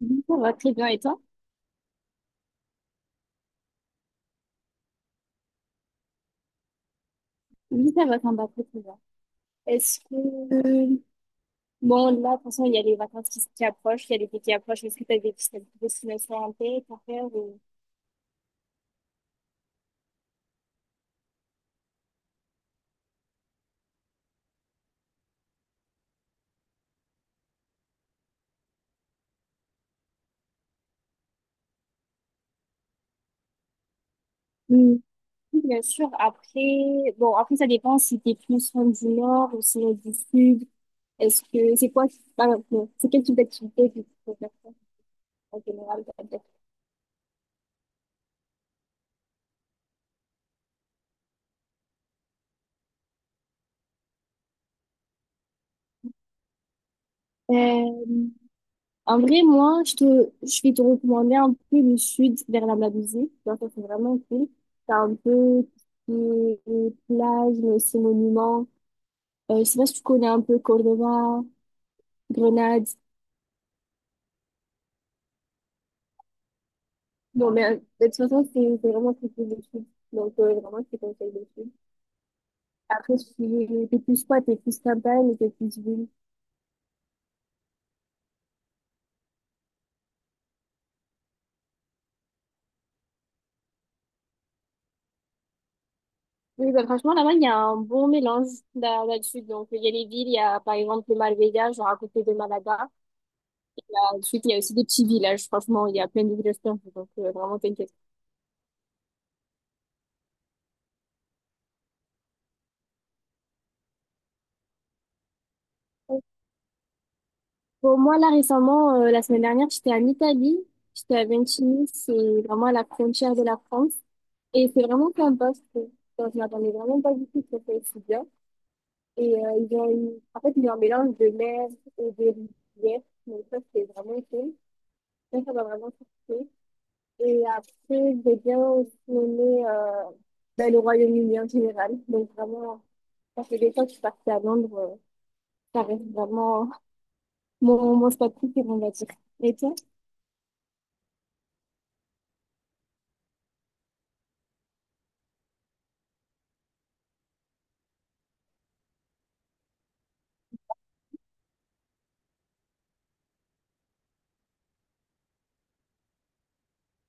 Oui, ça va très bien. Et toi? Oui, ça va, ça me va très très bien. Est-ce que... euh, Bon, là, de toute façon, il y a les vacances qui approchent, il y a l'été qui approche. Est-ce que tu as des petites destinations en tête à faire ou- Mm. Oui, bien sûr, Bon, après, ça dépend si t'es plus fan du nord ou sinon du sud. Est-ce que... C'est quoi... qui- Par C'est quel type d'activité que tu préfères faire en général? Euh, En vrai, moi, je vais te recommander un peu le sud vers la Malaisie. Donc, ça, c'est vraiment cool. T'as un peu les plages, mais aussi monuments. Je sais pas si tu connais un peu Cordoba, Grenade. Bon, mais de toute façon, c'est vraiment très cool le sud. Donc, vraiment, je te conseille le sud. Après, si t'es plus quoi, t'es plus campagne ou t'es plus ville. Oui, bah, franchement, là-bas, il y a un bon mélange là-dessus. Donc, il y a les villes, il y a par exemple le Marbella, genre à côté de Malaga. Ensuite, il y a aussi des petits villages. Franchement, il y a plein de villages perdus, donc vraiment t'inquiète. Pour moi, là, récemment, la semaine dernière, j'étais en Italie. J'étais à Ventimille, c'est vraiment à la frontière de la France. Et c'est vraiment sympa, je trouve. Enfin, je m'attendais vraiment pas du tout que ça soit aussi bien. Ils ont en fait, ils ont un mélange de mer et de rivière. Donc ça, c'est vraiment cool. Ça m'a vraiment surpris. Et après, j'ai bien aussi aimé ben, le Royaume-Uni en général. Donc vraiment, ça fait des fois que je suis partie à Londres, ça reste vraiment mon spot préféré, on va dire. Et toi?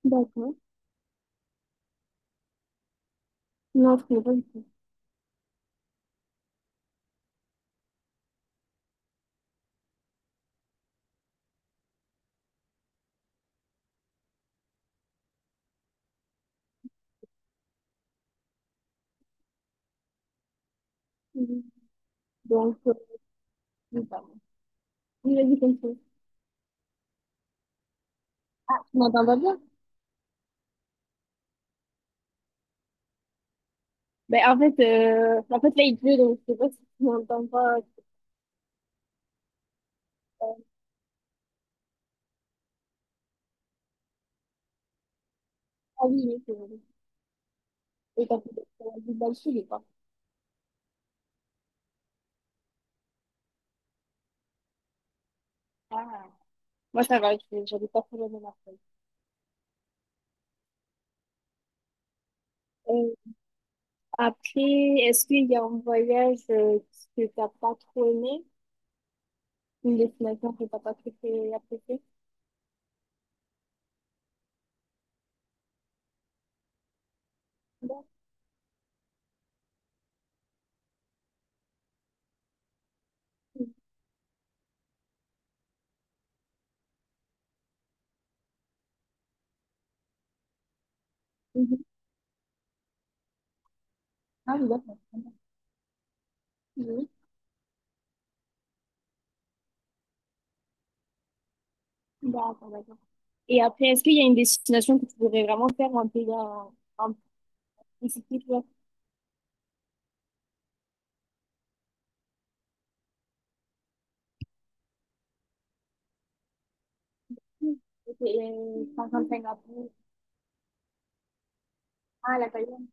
D'accord. Non, je connais pas du tout. Mhm. Donc, oui, pardon. Oui, vas-y, continue. Ah, tu m'entends pas bien? Ben, en fait, là, il pleut, donc je sais pas si tu m'entends pas. euh, ah oui, oui, c'est bon. Et t'as fait des belles filles, quoi. Ah. Moi, ça va, je- j'avais pas trop de Marseille. Après, est-ce qu'il y a un voyage que t'as pas trop aimé? Une destination que t'as pas trop appréciée? D'accord. Mhm. Ah oui, d'accord. Oui. D'accord, d'accord. Et après, est-ce qu'il y a une destination que tu voudrais vraiment faire un pays en spécifique, là? Mm. Ok, par exemple, Singapour. Ah, la Thaïlande.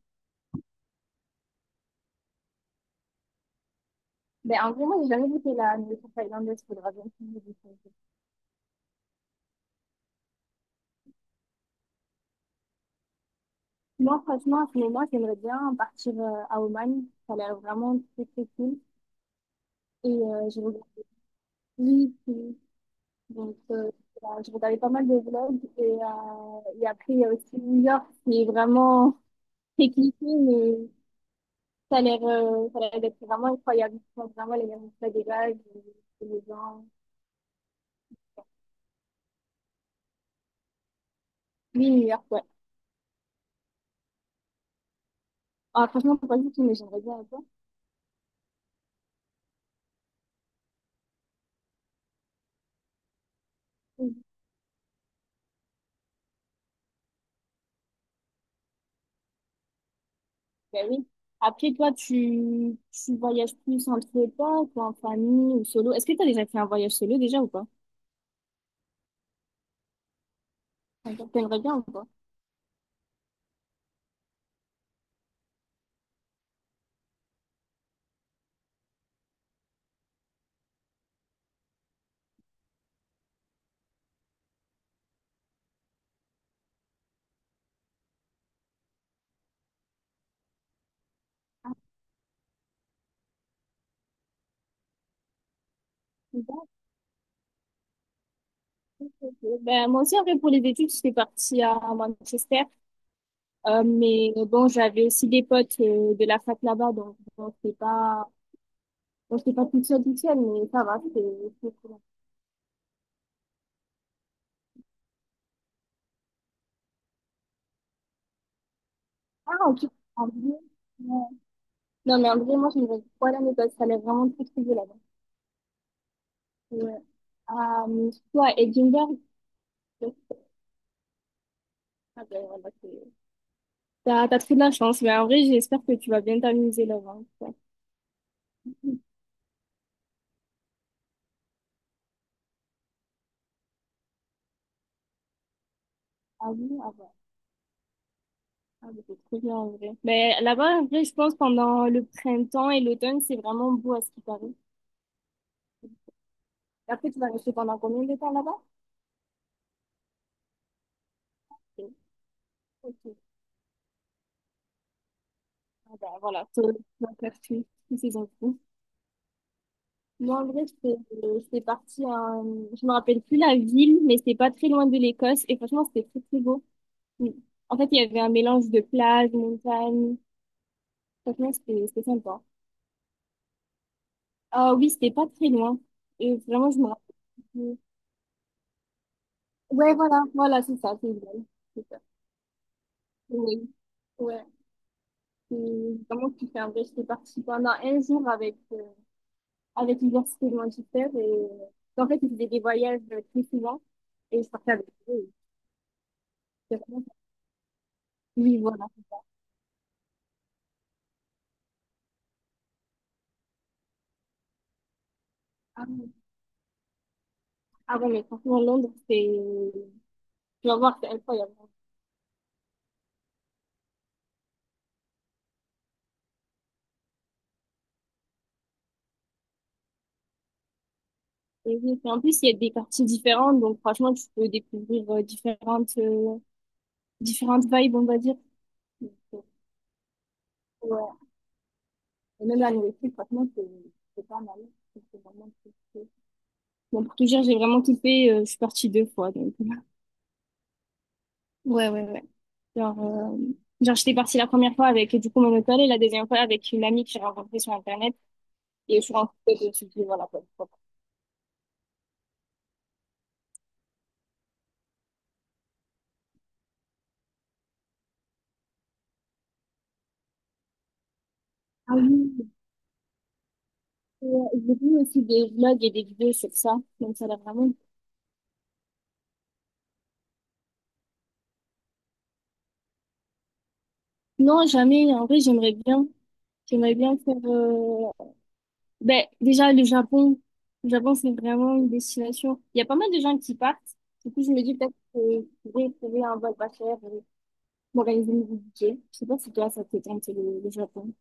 Ben, en vrai, moi, j'ai jamais goûté la nourriture thaïlandaise. Faudra bien que je me dise. Moi, franchement, à ce moment, j'aimerais bien partir à Oman. Ça a l'air vraiment très, très cool. Et je regarde. Oui, oui. Donc voilà, je regardais pas mal de vlogs et après il y a aussi New York qui est vraiment très cliché mais ça a l'air d'être vraiment incroyable. Ils font vraiment les mêmes plats des vagues, et les gens. Oui, New York, ouais. Ah, franchement, faut pas du tout, mais j'aimerais bien un peu. Oui. Ben oui. Après toi, tu voyages plus entre potes ou en famille ou solo. Est-ce que tu as déjà fait un voyage solo déjà ou pas? T'aimerais bien ou pas? D'accord, ok. Ben, moi aussi, après, pour les études, j'étais partie à Manchester. Mais bon, j'avais aussi des potes de la fac là-bas, donc bon, c'est pas toute seule, toute seule, mais ça va, c'est cool. Ah, ok, en vrai, ouais. Non, mais en vrai, moi, je me dis pas l'année parce que ça allait vraiment très, très bien là-bas. Ouais. Ah, mais toi, Edinburgh, donc, ah, ben, voilà, t'as trop de la chance, mais en vrai, j'espère que tu vas bien t'amuser là-bas, quoi. Ah oui, ah bah, c'est trop bien en vrai. Mais là-bas, en vrai, je pense pendant le printemps et l'automne, c'est vraiment beau à ce qui paraît. Et après, tu vas rester pendant combien de temps là-bas? Ok. Ok. Ah ben, voilà, tu vas faire toutes ces infos. Moi, en vrai, c'est parti en... Je me rappelle plus la ville, mais c'était pas très loin de l'Écosse. Et franchement, c'était très, très beau. Mm. En fait, il y avait un mélange de plage, montagne. Franchement, c'était sympa. Ah oui, c'était pas très loin. Et vraiment, je me rappelle plus. Ouais, voilà, voilà, c'est ça, c'est idéal. C'est ça. Oui. Ouais. Et vraiment, tu fais un vrai... J'étais partie pendant un jour avec l'université de Manchester. Et en fait, ils faisaient des voyages très souvent et je partais avec eux. Et franchement. Oui, voilà. Ah oui, ah ouais, mais franchement, Londres, c'est. Tu vas voir, c'est incroyable. Et oui, et en plus, il y a des quartiers différents, donc franchement, tu peux découvrir différentes, différentes vibes, on va dire. Donc, ouais. Et même la nourriture, franchement, c'est pas mal. C'est vraiment très, très- Bon, pour tout dire, j'ai vraiment kiffé. Je suis partie deux fois, donc. Ouais, ouais, ouais. Genre, euh, genre, j'étais partie la première fois avec du coup mon hôtel et la deuxième fois avec une amie que j'ai rencontrée sur Internet. Et je suis rentrée et je me suis dit, voilà, quoi, pourquoi pas. Ah oui, j'ai vu aussi des vlogs et des vidéos sur ça. Donc ça a l'air vraiment cool. Non, jamais. En vrai, j'aimerais bien. J'aimerais bien faire... Ben, déjà, le Japon. Le Japon, c'est vraiment une destination. Il y a pas mal de gens qui partent. Du coup, je me dis peut-être que je vais trouver un vol pas cher et m'organiser mon budget. Je sais pas si toi, ça te tente le Japon.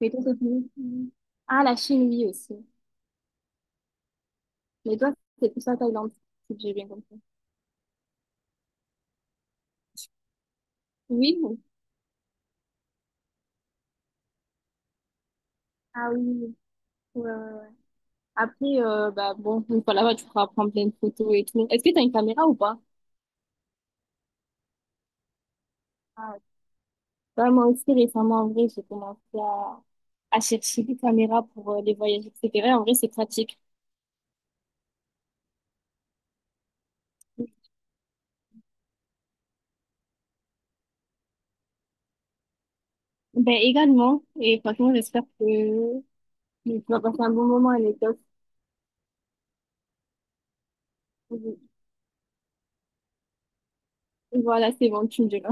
Mais toi, c'est fini. Ah, la Chine, oui, aussi. Mais toi, c'est plus la Thaïlande, si j'ai bien compris. Oui, oui. Ah oui, oui. Ouais, ouais, ouais. Après, bah, bon, une fois là-bas, tu pourras prendre plein de photos et tout. Est-ce que tu as une caméra ou pas? Ah, ouais. Bah, moi aussi, récemment, en vrai, j'ai commencé à chercher des caméras pour les voyages, etc. En vrai, c'est pratique. Ben, également. Et franchement, j'espère que tu vas passer un bon moment avec toi. Voilà, c'est bon, tu me diras.